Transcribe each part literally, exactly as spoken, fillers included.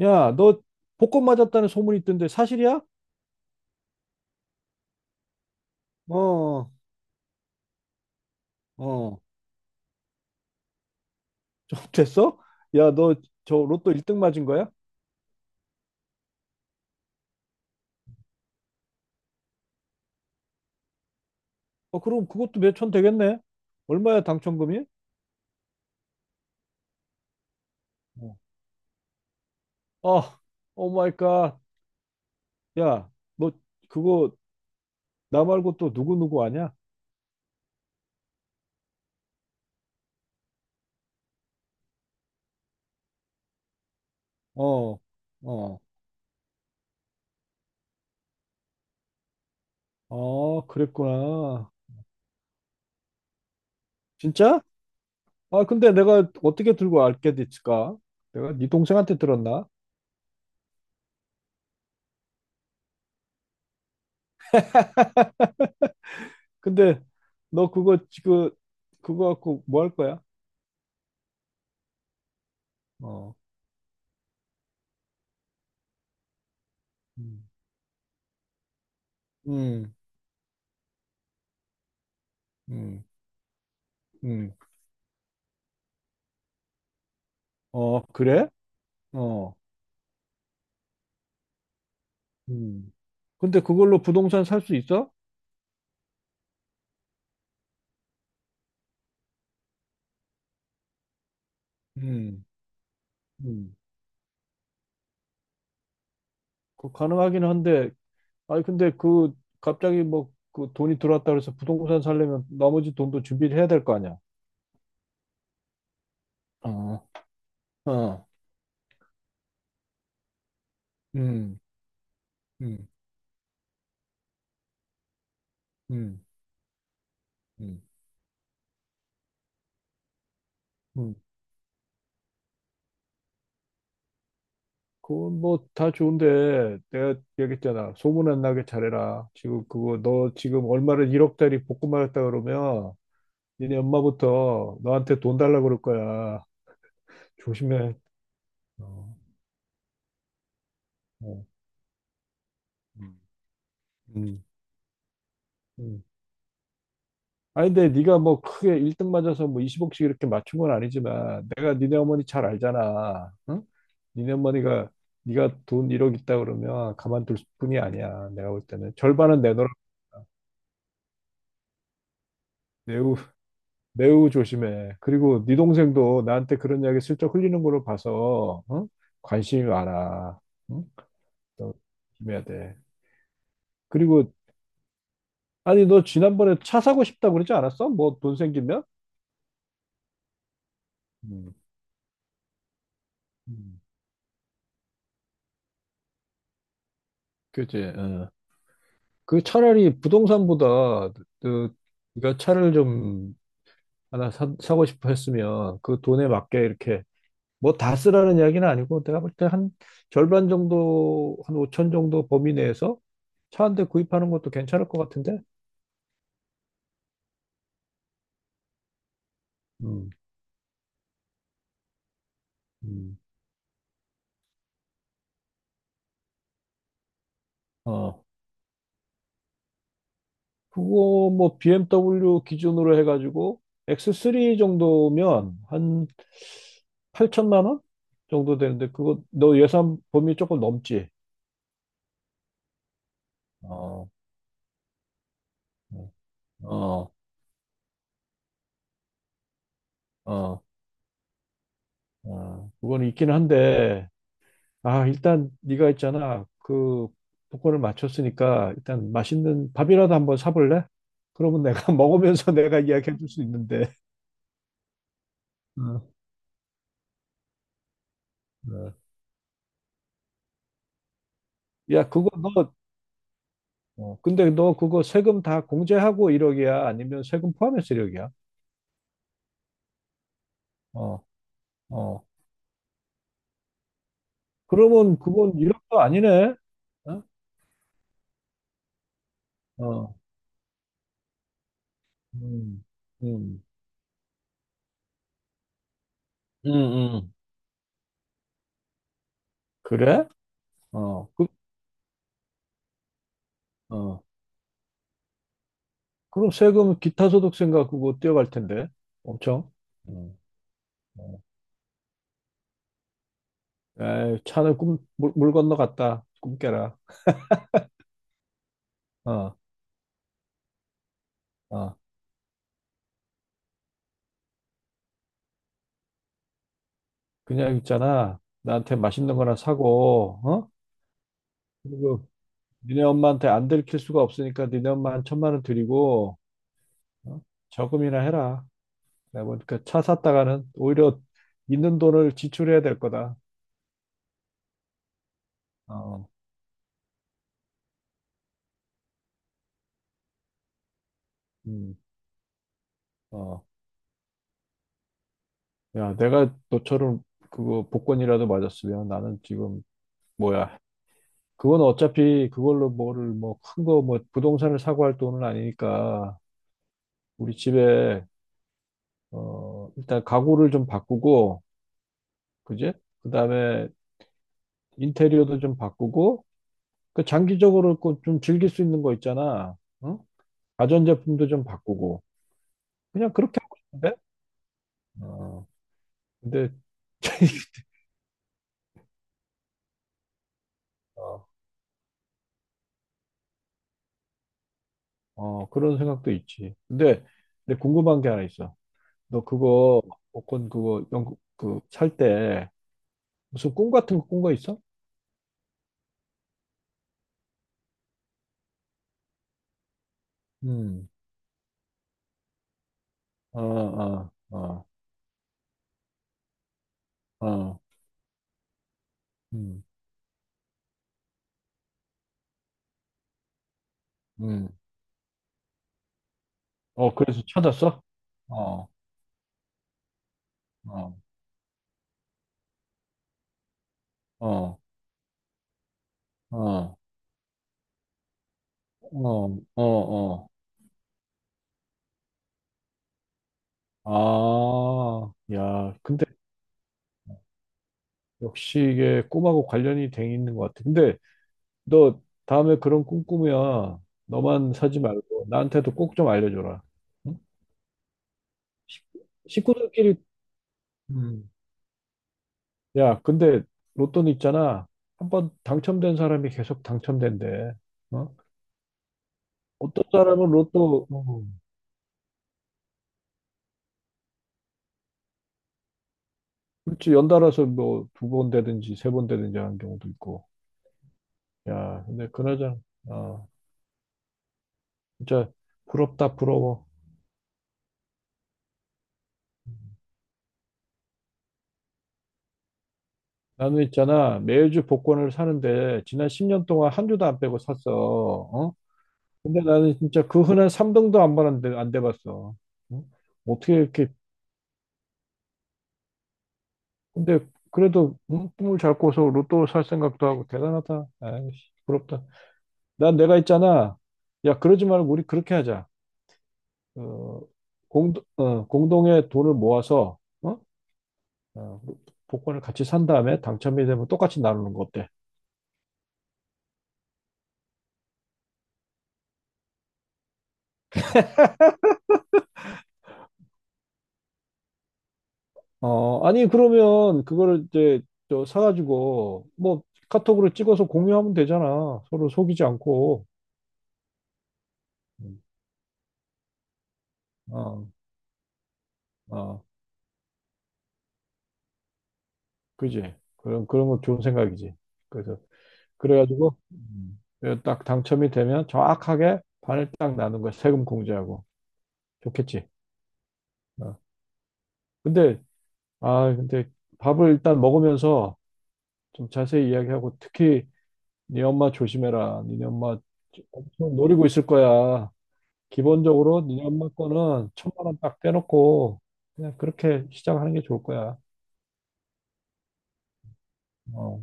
야, 너 복권 맞았다는 소문이 있던데 사실이야? 어, 어, 좀 됐어? 야, 너 저 로또 일 등 맞은 거야? 어, 그럼 그것도 몇 천 되겠네? 얼마야 당첨금이? 어, 아, 오 마이 갓. 야, 너 그거 나 말고 또 누구누구 아냐? 어, 어, 어, 그랬구나. 진짜? 아, 근데 내가 어떻게 들고 알게 됐을까? 내가 네 동생한테 들었나? 근데 너 그거 지금 그거 갖고 뭐 할 거야? 어. 음, 음, 음, 음. 어, 그래? 어, 음. 근데 그걸로 부동산 살 수 있어? 음, 음. 그 가능하긴 한데, 아니, 근데 그, 갑자기 뭐, 그 돈이 들어왔다 그래서 부동산 살려면 나머지 돈도 준비를 해야 될 거 아니야? 어, 어, 음, 음, 음, 음, 음. 그건 뭐 다 좋은데, 내가 얘기했잖아. 소문 안 나게 잘해라. 지금 그거, 너 지금 얼마를 일억짜리 복구 말했다 그러면, 니네 엄마부터 너한테 돈 달라고 그럴 거야. 조심해. 어, 어, 음. 음. 음. 아니, 근데 네가 뭐 크게 일 등 맞아서 뭐 이십억씩 이렇게 맞춘 건 아니지만 내가 니네 어머니 잘 알잖아. 응? 니네 어머니가 네가 돈 일억 있다 그러면 가만둘 뿐이 아니야. 내가 볼 때는 절반은 내놓으라. 매우 매우 조심해. 그리고 네 동생도 나한테 그런 이야기 슬쩍 흘리는 걸로 봐서 어? 관심이 많아. 응? 또 조심해야 돼. 그리고 아니, 너 지난번에 차 사고 싶다고 그러지 않았어? 뭐 돈 생기면? 음, 음, 그지. 어. 그 차라리 부동산보다 그 네가 차를 좀 하나 사, 사고 싶어 했으면 그 돈에 맞게 이렇게 뭐 다 쓰라는 이야기는 아니고 내가 볼 때 한 절반 정도 한 오천 정도 범위 내에서 차 한 대 구입하는 것도 괜찮을 것 같은데. 음, 음. 어, 그거 뭐 비엠더블유 기준으로 해가지고 엑스 쓰리 정도면 한 팔천만 원 정도 되는데 그거 너 예산 범위 조금 넘지? 어, 어, 어, 어. 그건 있긴 한데 아 일단 네가 있잖아 그 복권을 맞췄으니까 일단 맛있는 밥이라도 한번 사볼래? 그러면 내가 먹으면서 내가 이야기해 줄 수 있는데. 어, 어. 야, 그거 너 어, 근데 너 그거 세금 다 공제하고 일억이야? 아니면 세금 포함해서 일억이야? 어, 어. 그러면 그건 일억도 아니네? 어? 어. 음, 음, 음, 음. 그래? 어, 그, 어. 그럼 세금 기타 소득 생각 그거 뛰어갈 텐데. 엄청. 음, 어. 에이, 차는 꿈, 물, 물 건너 갔다. 꿈 깨라. 어, 어. 그냥 있잖아. 나한테 맛있는 거나 사고, 어? 그리고 니네 엄마한테 안 들킬 수가 없으니까 니네 엄마 한 천만 원 드리고 어? 저금이나 해라. 내가 보니까 차 샀다가는 오히려 있는 돈을 지출해야 될 거다. 어, 음, 어. 야, 내가 너처럼 그거 복권이라도 맞았으면 나는 지금 뭐야? 그건 어차피 그걸로 뭐를 뭐 큰 거 뭐 부동산을 사고 할 돈은 아니니까 우리 집에 어 일단 가구를 좀 바꾸고 그지? 그다음에 인테리어도 좀 바꾸고 그 장기적으로 그 좀 즐길 수 있는 거 있잖아. 응? 가전제품도 좀 바꾸고. 그냥 그렇게 하고 싶은데? 어, 근데, 어, 어, 그런 생각도 있지. 근데, 근데 궁금한 게 하나 있어. 너 그거, 복권 그거, 영, 그, 살 때, 무슨 꿈 같은 거 꾼 거 있어? 음, 어, 어, 어, 어, 음, 음. 어, 그래서 찾았어? 어, 어, 어, 어, 어, 어, 어. 아, 야, 근데 역시 이게 꿈하고 관련이 돼 있는 것 같아. 근데 너 다음에 그런 꿈 꾸면 너만 사지 말고 나한테도 꼭 좀 알려줘라. 응? 식- 식구들끼리 음. 야, 근데 로또는 있잖아. 한번 당첨된 사람이 계속 당첨된대. 어? 어떤 사람은 로또 어, 그렇지 연달아서 뭐 두 번 되든지 세 번 되든지 하는 경우도 있고. 야, 근데 그나저나 아, 진짜 부럽다 부러워. 나는 있잖아, 매주 복권을 사는데, 지난 십 년 동안 한 주도 안 빼고 샀어. 어? 근데 나는 진짜 그 흔한 삼 등도 안 받았는데, 안 돼봤어. 응? 어떻게 이렇게, 근데 그래도 응? 꿈을 잘 꿔서 로또 살 생각도 하고, 대단하다. 아이씨, 부럽다. 난 내가 있잖아. 야, 그러지 말고 우리 그렇게 하자. 어, 공, 어, 공동의 돈을 모아서, 어? 어, 복권을 같이 산 다음에 당첨이 되면 똑같이 나누는 거 어때? 어, 아니, 그러면 그거를 이제 저 사가지고 뭐 카톡으로 찍어서 공유하면 되잖아. 서로 속이지 않고. 음, 어, 어, 그지. 그런, 그런 거 좋은 생각이지. 그래서, 그래가지고, 음, 그래서 딱 당첨이 되면 정확하게 반을 딱 나눈 거야. 세금 공제하고. 좋겠지. 어. 근데, 아, 근데 밥을 일단 먹으면서 좀 자세히 이야기하고 특히 네 엄마 조심해라. 니네 엄마 엄청 노리고 있을 거야. 기본적으로 니네 엄마 거는 천만 원 딱 떼놓고 그냥 그렇게 시작하는 게 좋을 거야. 어.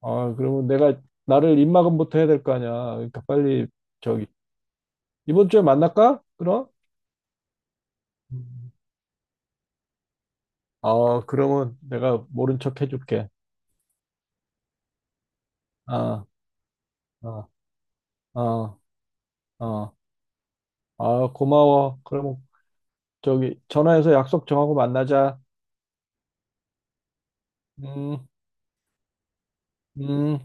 아, 그러면 내가 나를 입막음부터 해야 될 거 아니야. 그러니까 빨리 저기 이번 주에 만날까? 그럼? 음. 어, 그러면 내가 모른 척 해줄게. 아, 아, 아, 아, 아, 고마워. 그러면 저기 전화해서 약속 정하고 만나자. 음, 음.